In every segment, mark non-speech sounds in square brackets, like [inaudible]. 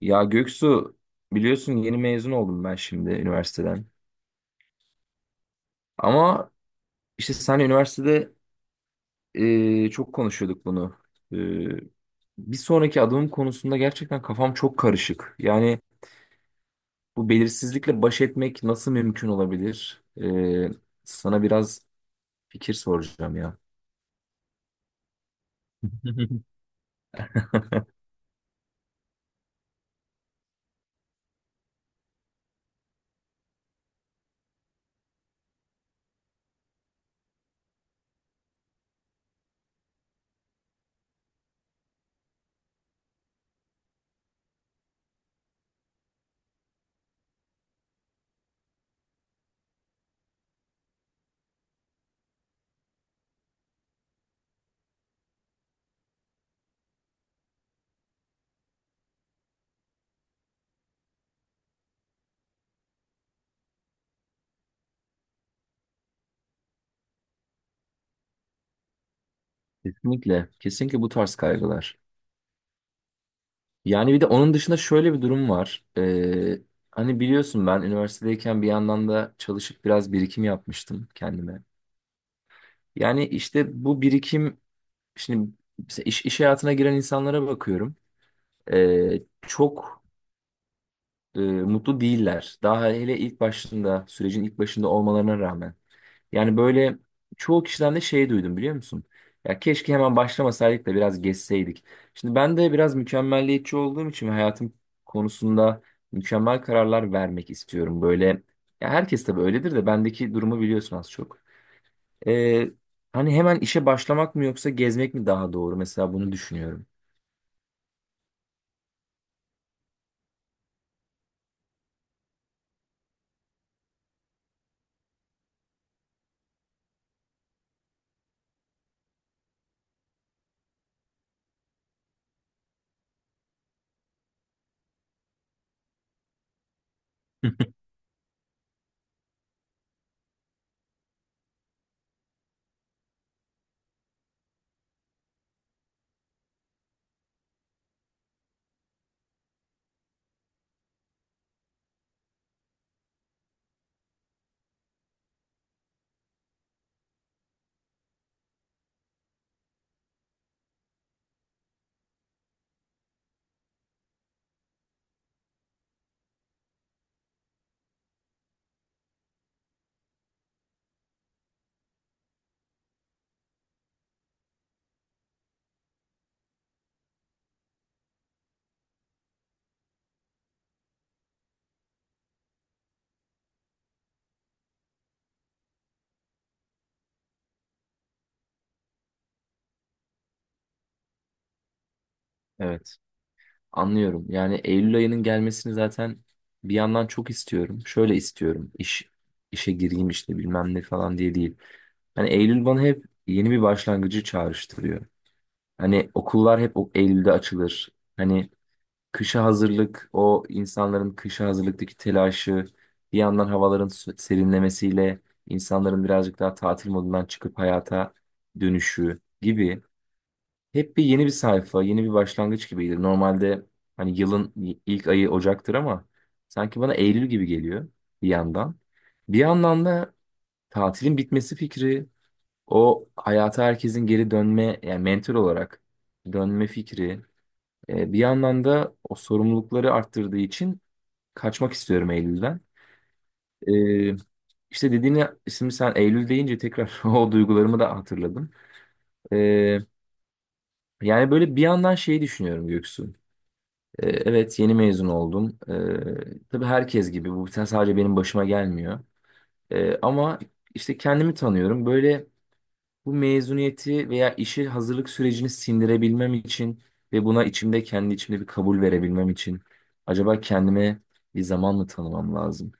Ya Göksu biliyorsun yeni mezun oldum ben şimdi üniversiteden. Ama işte sen üniversitede çok konuşuyorduk bunu. E, Bir sonraki adımım konusunda gerçekten kafam çok karışık. Yani bu belirsizlikle baş etmek nasıl mümkün olabilir? Sana biraz fikir soracağım ya. [laughs] Kesinlikle, kesinlikle bu tarz kaygılar. Yani bir de onun dışında şöyle bir durum var. Hani biliyorsun ben üniversitedeyken bir yandan da çalışıp biraz birikim yapmıştım kendime. Yani işte bu birikim şimdi mesela iş hayatına giren insanlara bakıyorum. Çok mutlu değiller. Daha hele ilk başında sürecin ilk başında olmalarına rağmen. Yani böyle çoğu kişiden de şey duydum biliyor musun? Ya keşke hemen başlamasaydık da biraz geçseydik. Şimdi ben de biraz mükemmelliyetçi olduğum için ve hayatım konusunda mükemmel kararlar vermek istiyorum. Böyle ya herkes tabii öyledir de bendeki durumu biliyorsun az çok. Ee, Hani hemen işe başlamak mı yoksa gezmek mi daha doğru? Mesela bunu düşünüyorum. [laughs] Evet. Anlıyorum. Yani Eylül ayının gelmesini zaten bir yandan çok istiyorum. Şöyle istiyorum. İşe gireyim işte bilmem ne falan diye değil. Hani Eylül bana hep yeni bir başlangıcı çağrıştırıyor. Hani okullar hep o Eylül'de açılır. Hani kışa hazırlık, o insanların kışa hazırlıktaki telaşı, bir yandan havaların serinlemesiyle insanların birazcık daha tatil modundan çıkıp hayata dönüşü gibi. Hep bir yeni bir sayfa, yeni bir başlangıç gibiydi. Normalde hani yılın ilk ayı Ocak'tır ama sanki bana Eylül gibi geliyor bir yandan. Bir yandan da tatilin bitmesi fikri, o hayata herkesin geri dönme, yani mental olarak dönme fikri. Bir yandan da o sorumlulukları arttırdığı için kaçmak istiyorum Eylül'den. E, işte dediğini şimdi sen Eylül deyince tekrar [laughs] o duygularımı da hatırladım. E, Yani böyle bir yandan şeyi düşünüyorum Göksu. Evet yeni mezun oldum. Tabii herkes gibi bu sadece benim başıma gelmiyor. Ama işte kendimi tanıyorum. Böyle bu mezuniyeti veya işi hazırlık sürecini sindirebilmem için ve buna içimde kendi içimde bir kabul verebilmem için acaba kendime bir zaman mı tanımam lazım?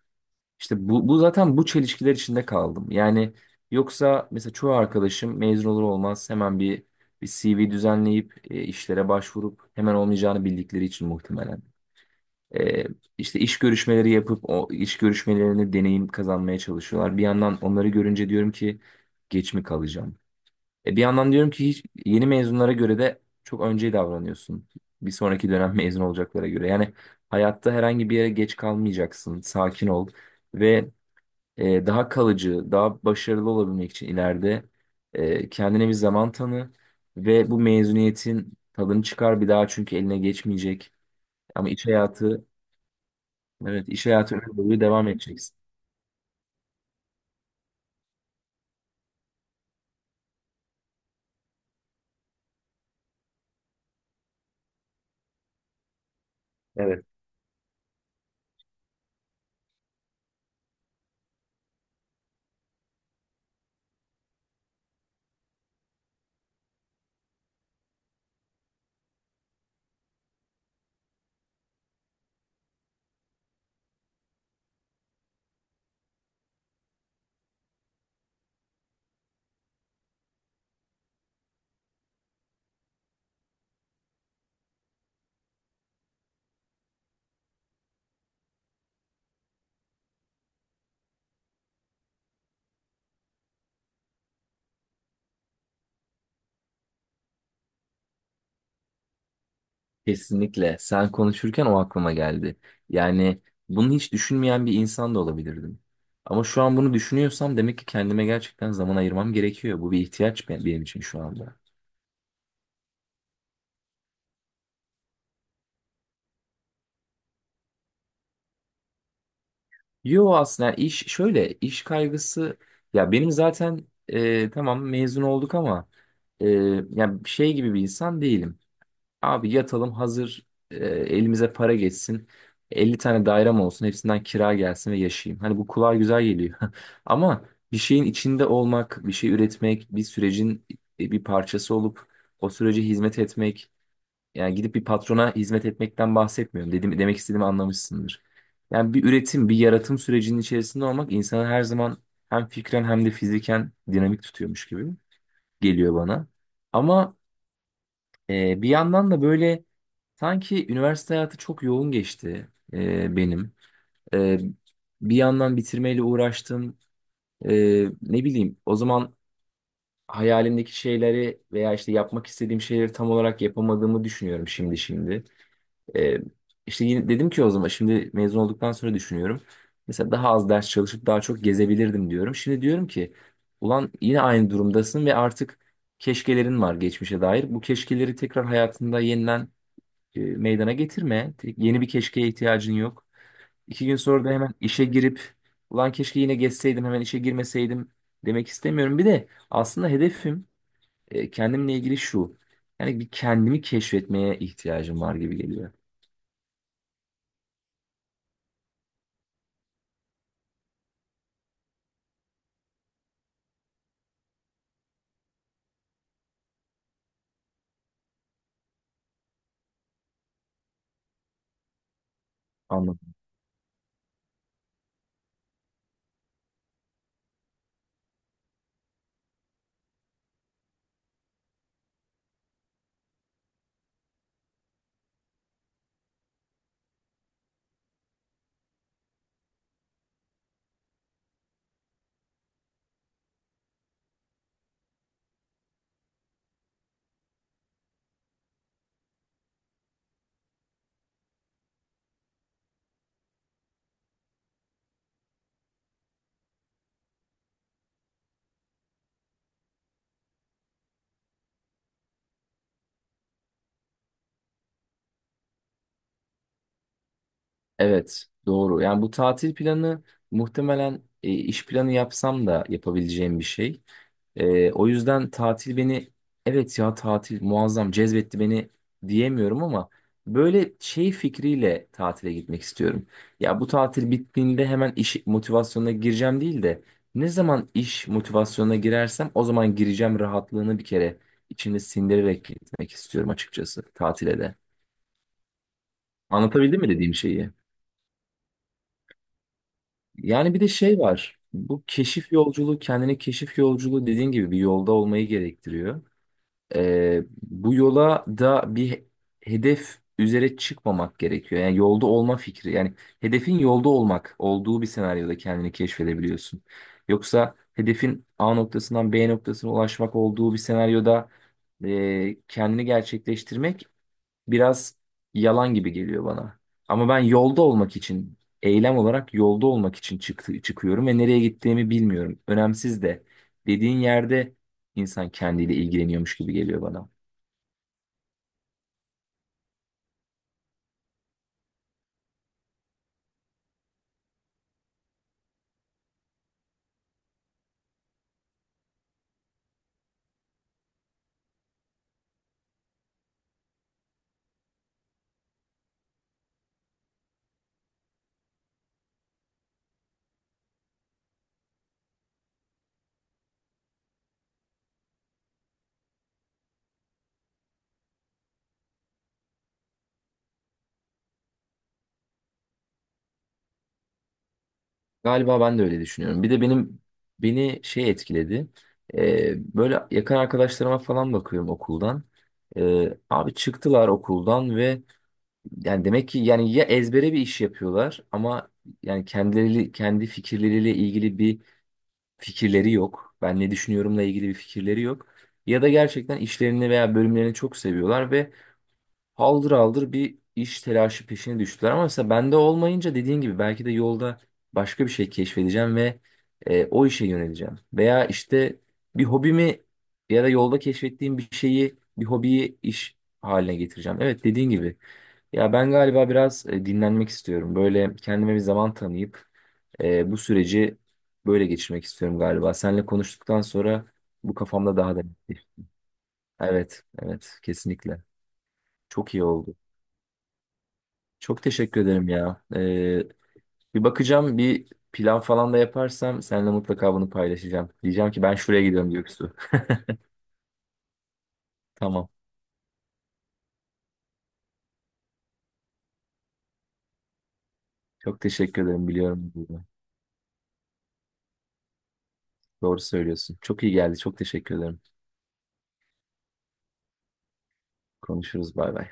İşte bu zaten bu çelişkiler içinde kaldım. Yani yoksa mesela çoğu arkadaşım mezun olur olmaz hemen bir CV düzenleyip işlere başvurup hemen olmayacağını bildikleri için muhtemelen. E, işte iş görüşmeleri yapıp o iş görüşmelerine deneyim kazanmaya çalışıyorlar. Bir yandan onları görünce diyorum ki geç mi kalacağım? Bir yandan diyorum ki hiç yeni mezunlara göre de çok önce davranıyorsun. Bir sonraki dönem [laughs] mezun olacaklara göre. Yani hayatta herhangi bir yere geç kalmayacaksın. Sakin ol ve daha kalıcı, daha başarılı olabilmek için ileride kendine bir zaman tanı ve bu mezuniyetin tadını çıkar bir daha çünkü eline geçmeyecek. Ama iş hayatı. Evet, iş hayatı öyle boyu devam edeceksin. Evet. Kesinlikle. Sen konuşurken o aklıma geldi. Yani bunu hiç düşünmeyen bir insan da olabilirdim. Ama şu an bunu düşünüyorsam demek ki kendime gerçekten zaman ayırmam gerekiyor. Bu bir ihtiyaç benim için şu anda. Yo, aslında iş şöyle iş kaygısı ya benim zaten tamam mezun olduk ama e, ya şey gibi bir insan değilim. Abi yatalım hazır elimize para geçsin. 50 tane dairem olsun hepsinden kira gelsin ve yaşayayım. Hani bu kulağa güzel geliyor. [laughs] Ama bir şeyin içinde olmak, bir şey üretmek, bir sürecin bir parçası olup o sürece hizmet etmek. Yani gidip bir patrona hizmet etmekten bahsetmiyorum. Dedim, demek istediğimi anlamışsındır. Yani bir üretim, bir yaratım sürecinin içerisinde olmak insanı her zaman hem fikren hem de fiziken dinamik tutuyormuş gibi geliyor bana. Ama bir yandan da böyle sanki üniversite hayatı çok yoğun geçti benim. E, Bir yandan bitirmeyle uğraştım. Ne bileyim o zaman hayalimdeki şeyleri veya işte yapmak istediğim şeyleri tam olarak yapamadığımı düşünüyorum şimdi. E, işte yine dedim ki o zaman şimdi mezun olduktan sonra düşünüyorum. Mesela daha az ders çalışıp daha çok gezebilirdim diyorum. Şimdi diyorum ki ulan yine aynı durumdasın ve artık keşkelerin var geçmişe dair. Bu keşkeleri tekrar hayatında yeniden meydana getirme. Yeni bir keşkeye ihtiyacın yok. İki gün sonra da hemen işe girip ulan keşke yine geçseydim hemen işe girmeseydim demek istemiyorum. Bir de aslında hedefim kendimle ilgili şu. Yani bir kendimi keşfetmeye ihtiyacım var gibi geliyor. Evet, doğru. Yani bu tatil planı muhtemelen iş planı yapsam da yapabileceğim bir şey. O yüzden tatil beni, evet ya tatil muazzam cezbetti beni diyemiyorum ama böyle şey fikriyle tatile gitmek istiyorum. Ya bu tatil bittiğinde hemen iş motivasyonuna gireceğim değil de ne zaman iş motivasyonuna girersem o zaman gireceğim rahatlığını bir kere içimde sindirerek gitmek istiyorum açıkçası tatile de. Anlatabildim mi dediğim şeyi? Yani bir de şey var. Bu keşif yolculuğu kendine keşif yolculuğu dediğin gibi bir yolda olmayı gerektiriyor. Bu yola da bir hedef üzere çıkmamak gerekiyor. Yani yolda olma fikri. Yani hedefin yolda olmak olduğu bir senaryoda kendini keşfedebiliyorsun. Yoksa hedefin A noktasından B noktasına ulaşmak olduğu bir senaryoda kendini gerçekleştirmek biraz yalan gibi geliyor bana. Ama ben yolda olmak için, eylem olarak yolda olmak için çıkıyorum ve nereye gittiğimi bilmiyorum. Önemsiz de dediğin yerde insan kendiyle ilgileniyormuş gibi geliyor bana. Galiba ben de öyle düşünüyorum. Bir de beni şey etkiledi. Böyle yakın arkadaşlarıma falan bakıyorum okuldan. Abi çıktılar okuldan ve yani demek ki yani ya ezbere bir iş yapıyorlar ama yani kendileri kendi fikirleriyle ilgili bir fikirleri yok. Ben ne düşünüyorumla ilgili bir fikirleri yok. Ya da gerçekten işlerini veya bölümlerini çok seviyorlar ve haldır haldır bir iş telaşı peşine düştüler ama mesela bende olmayınca dediğin gibi belki de yolda başka bir şey keşfedeceğim ve o işe yöneleceğim. Veya işte bir hobimi ya da yolda keşfettiğim bir şeyi, bir hobiyi iş haline getireceğim. Evet dediğin gibi. Ya ben galiba biraz dinlenmek istiyorum. Böyle kendime bir zaman tanıyıp bu süreci böyle geçirmek istiyorum galiba. Seninle konuştuktan sonra bu kafamda daha da netleşti. Evet, evet kesinlikle. Çok iyi oldu. Çok teşekkür ederim ya. Bir bakacağım, bir plan falan da yaparsam seninle mutlaka bunu paylaşacağım. Diyeceğim ki ben şuraya gidiyorum Göksu. [laughs] Tamam. Çok teşekkür ederim biliyorum bunu. Doğru söylüyorsun. Çok iyi geldi. Çok teşekkür ederim. Konuşuruz. Bay bay.